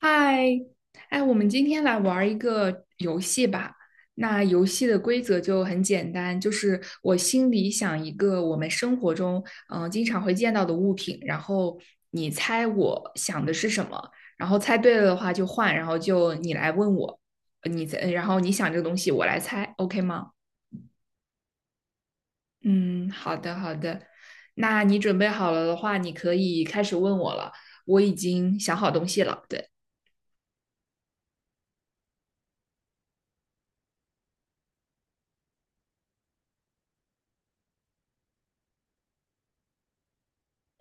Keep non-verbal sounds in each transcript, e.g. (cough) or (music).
嗨，哎，我们今天来玩儿一个游戏吧。那游戏的规则就很简单，就是我心里想一个我们生活中经常会见到的物品，然后你猜我想的是什么，然后猜对了的话就换，然后就你来问我，你猜，然后你想这个东西我来猜，OK 吗？嗯，好的好的。那你准备好了的话，你可以开始问我了。我已经想好东西了，对。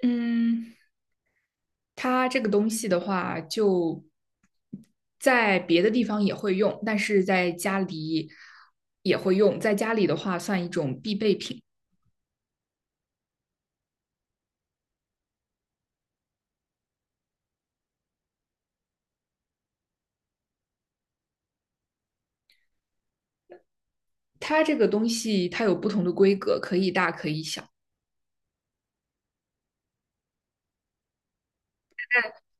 嗯，它这个东西的话，就在别的地方也会用，但是在家里也会用。在家里的话，算一种必备品。它这个东西它有不同的规格，可以大可以小。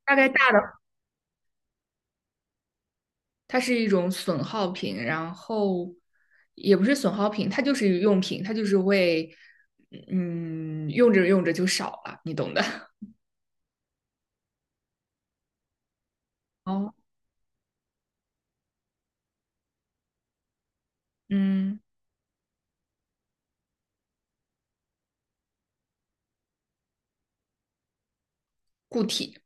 大概大的，它是一种损耗品，然后也不是损耗品，它就是用品，它就是为用着用着就少了，你懂的。哦，嗯，固体。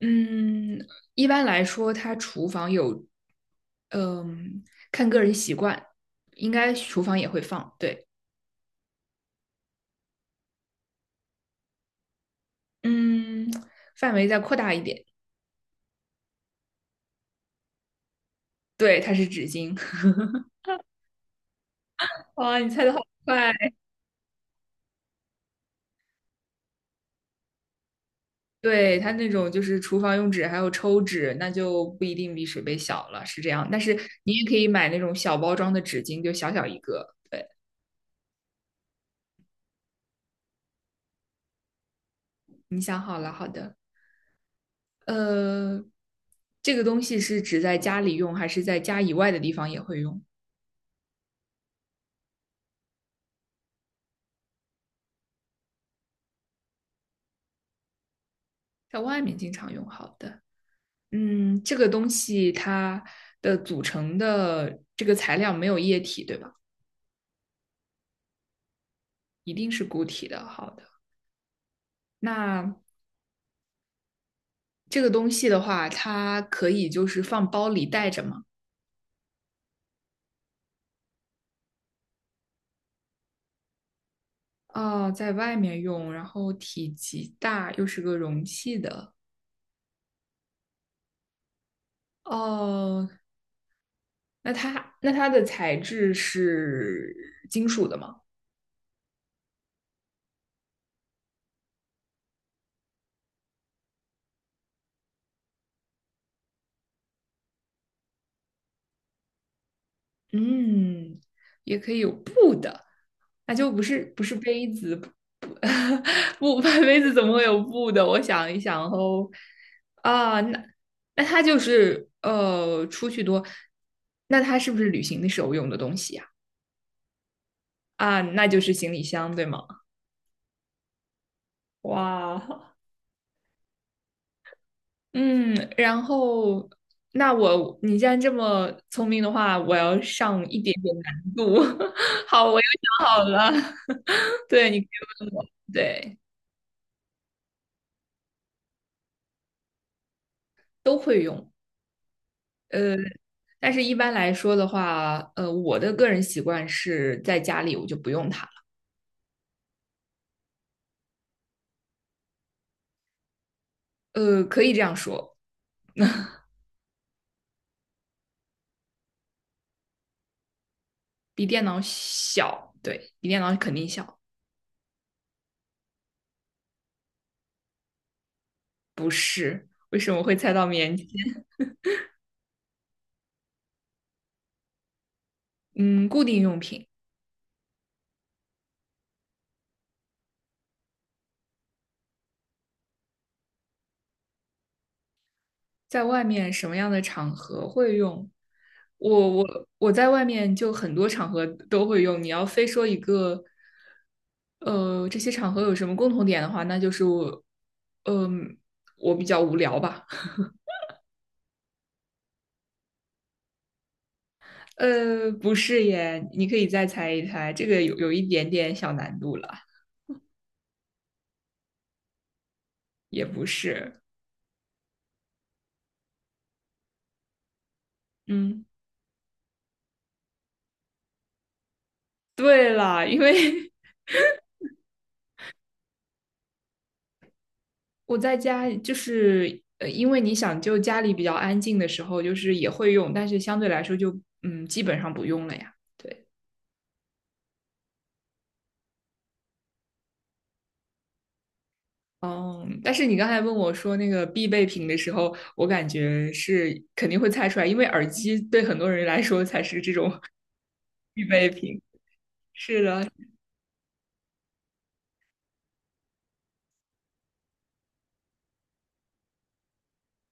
嗯，一般来说，它厨房有嗯，看个人习惯，应该厨房也会放。对，嗯，范围再扩大一点。对，它是纸巾。(laughs) 哇，你猜的好快！对，它那种就是厨房用纸，还有抽纸，那就不一定比水杯小了，是这样。但是你也可以买那种小包装的纸巾，就小小一个。对，你想好了，好的。呃，这个东西是指在家里用，还是在家以外的地方也会用？在外面经常用。好的。嗯，这个东西它的组成的这个材料没有液体，对吧？一定是固体的。好的，那这个东西的话，它可以就是放包里带着吗？哦，在外面用，然后体积大，又是个容器的。哦，那它的材质是金属的吗？嗯，也可以有布的，那就不是杯子，不 (laughs) 不，杯子怎么会有布的？我想一想哦，啊，那它就是出去多，那它是不是旅行的时候用的东西呀？啊，那就是行李箱，对吗？哇 (laughs)，嗯，然后你既然这么聪明的话，我要上一点点难度。(laughs) 好，我又想好了，(laughs) 对，你可以问我，对。都会用。呃，但是一般来说的话，我的个人习惯是在家里我就不用它了。呃，可以这样说，比电脑小，对，比电脑肯定小。不是，为什么会猜到棉签？嗯，固定用品，在外面什么样的场合会用？我在外面就很多场合都会用。你要非说一个，呃，这些场合有什么共同点的话，那就是我，嗯、我比较无聊吧。呃，不是耶，你可以再猜一猜，这个有一点点小难度了，也不是。嗯，对了，因为 (laughs) 我在家就是因为你想，就家里比较安静的时候，就是也会用，但是相对来说就嗯，基本上不用了呀。对，哦，但是你刚才问我说那个必备品的时候，我感觉是肯定会猜出来，因为耳机对很多人来说才是这种 (laughs) 必备品。是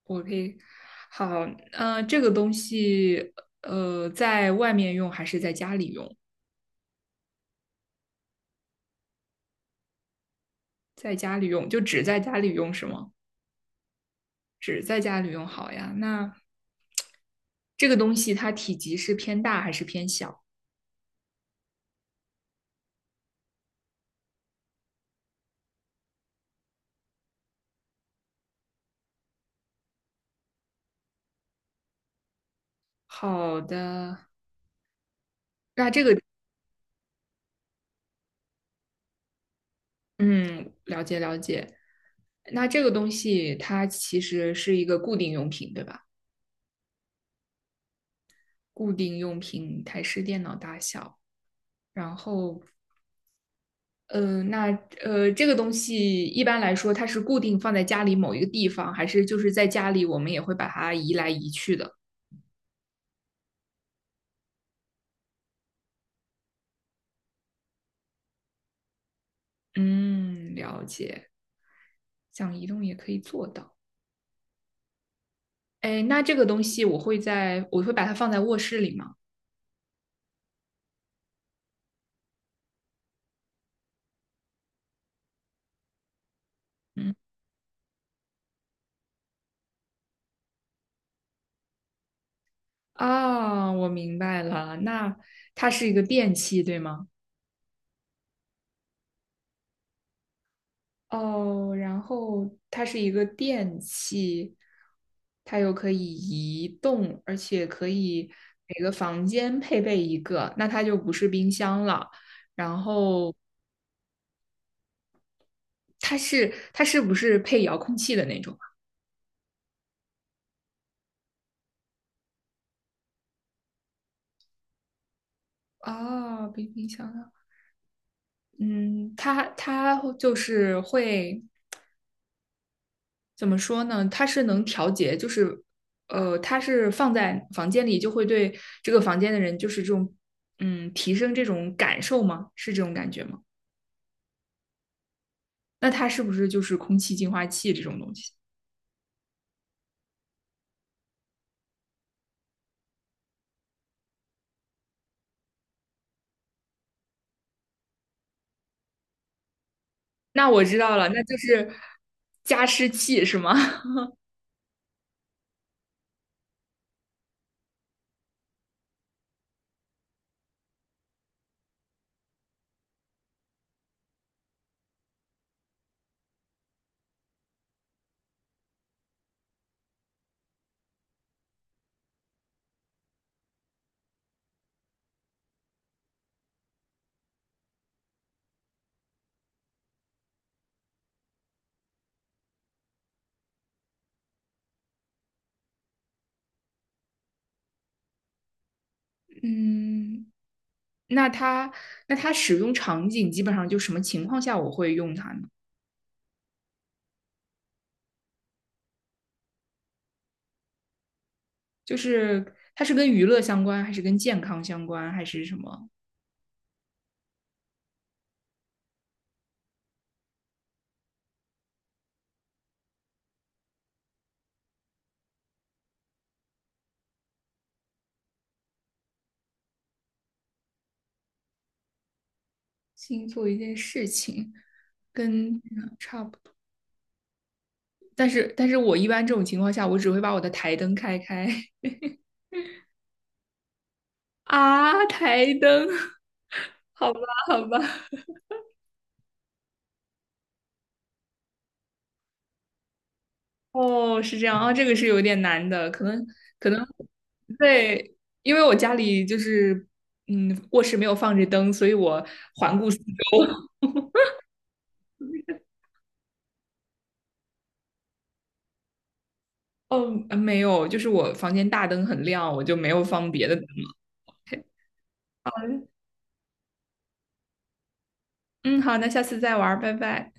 OK,好，这个东西，在外面用还是在家里用？在家里用，就只在家里用是吗？只在家里用好呀。那这个东西它体积是偏大还是偏小？好的，那这个，嗯，了解了解。那这个东西它其实是一个固定用品，对吧？固定用品，台式电脑大小，然后嗯，那这个东西一般来说，它是固定放在家里某一个地方，还是就是在家里我们也会把它移来移去的？嗯，了解，想移动也可以做到。哎，那这个东西我会在，我会把它放在卧室里吗？嗯，啊，我明白了，那它是一个电器，对吗？哦，然后它是一个电器，它又可以移动，而且可以每个房间配备一个，那它就不是冰箱了。然后它是不是配遥控器的那种啊？哦，比冰箱啊，嗯，它就是会。怎么说呢？它是能调节，就是它是放在房间里，就会对这个房间的人，就是这种嗯，提升这种感受吗？是这种感觉吗？那它是不是就是空气净化器这种东西？那我知道了，那就是加湿器是吗？(laughs) 嗯，那它使用场景基本上就什么情况下我会用它呢？就是它是跟娱乐相关，还是跟健康相关，还是什么？新做一件事情，跟但是我一般这种情况下，我只会把我的台灯开开 (laughs) 啊，台灯，(laughs) 好吧好吧，哦，是这样啊，这个是有点难的，可能对，因为我家里就是卧室没有放着灯，所以我环顾四周，(laughs) 哦没有，就是我房间大灯很亮，我就没有放别的灯了。OK,嗯，好，那下次再玩儿，拜拜。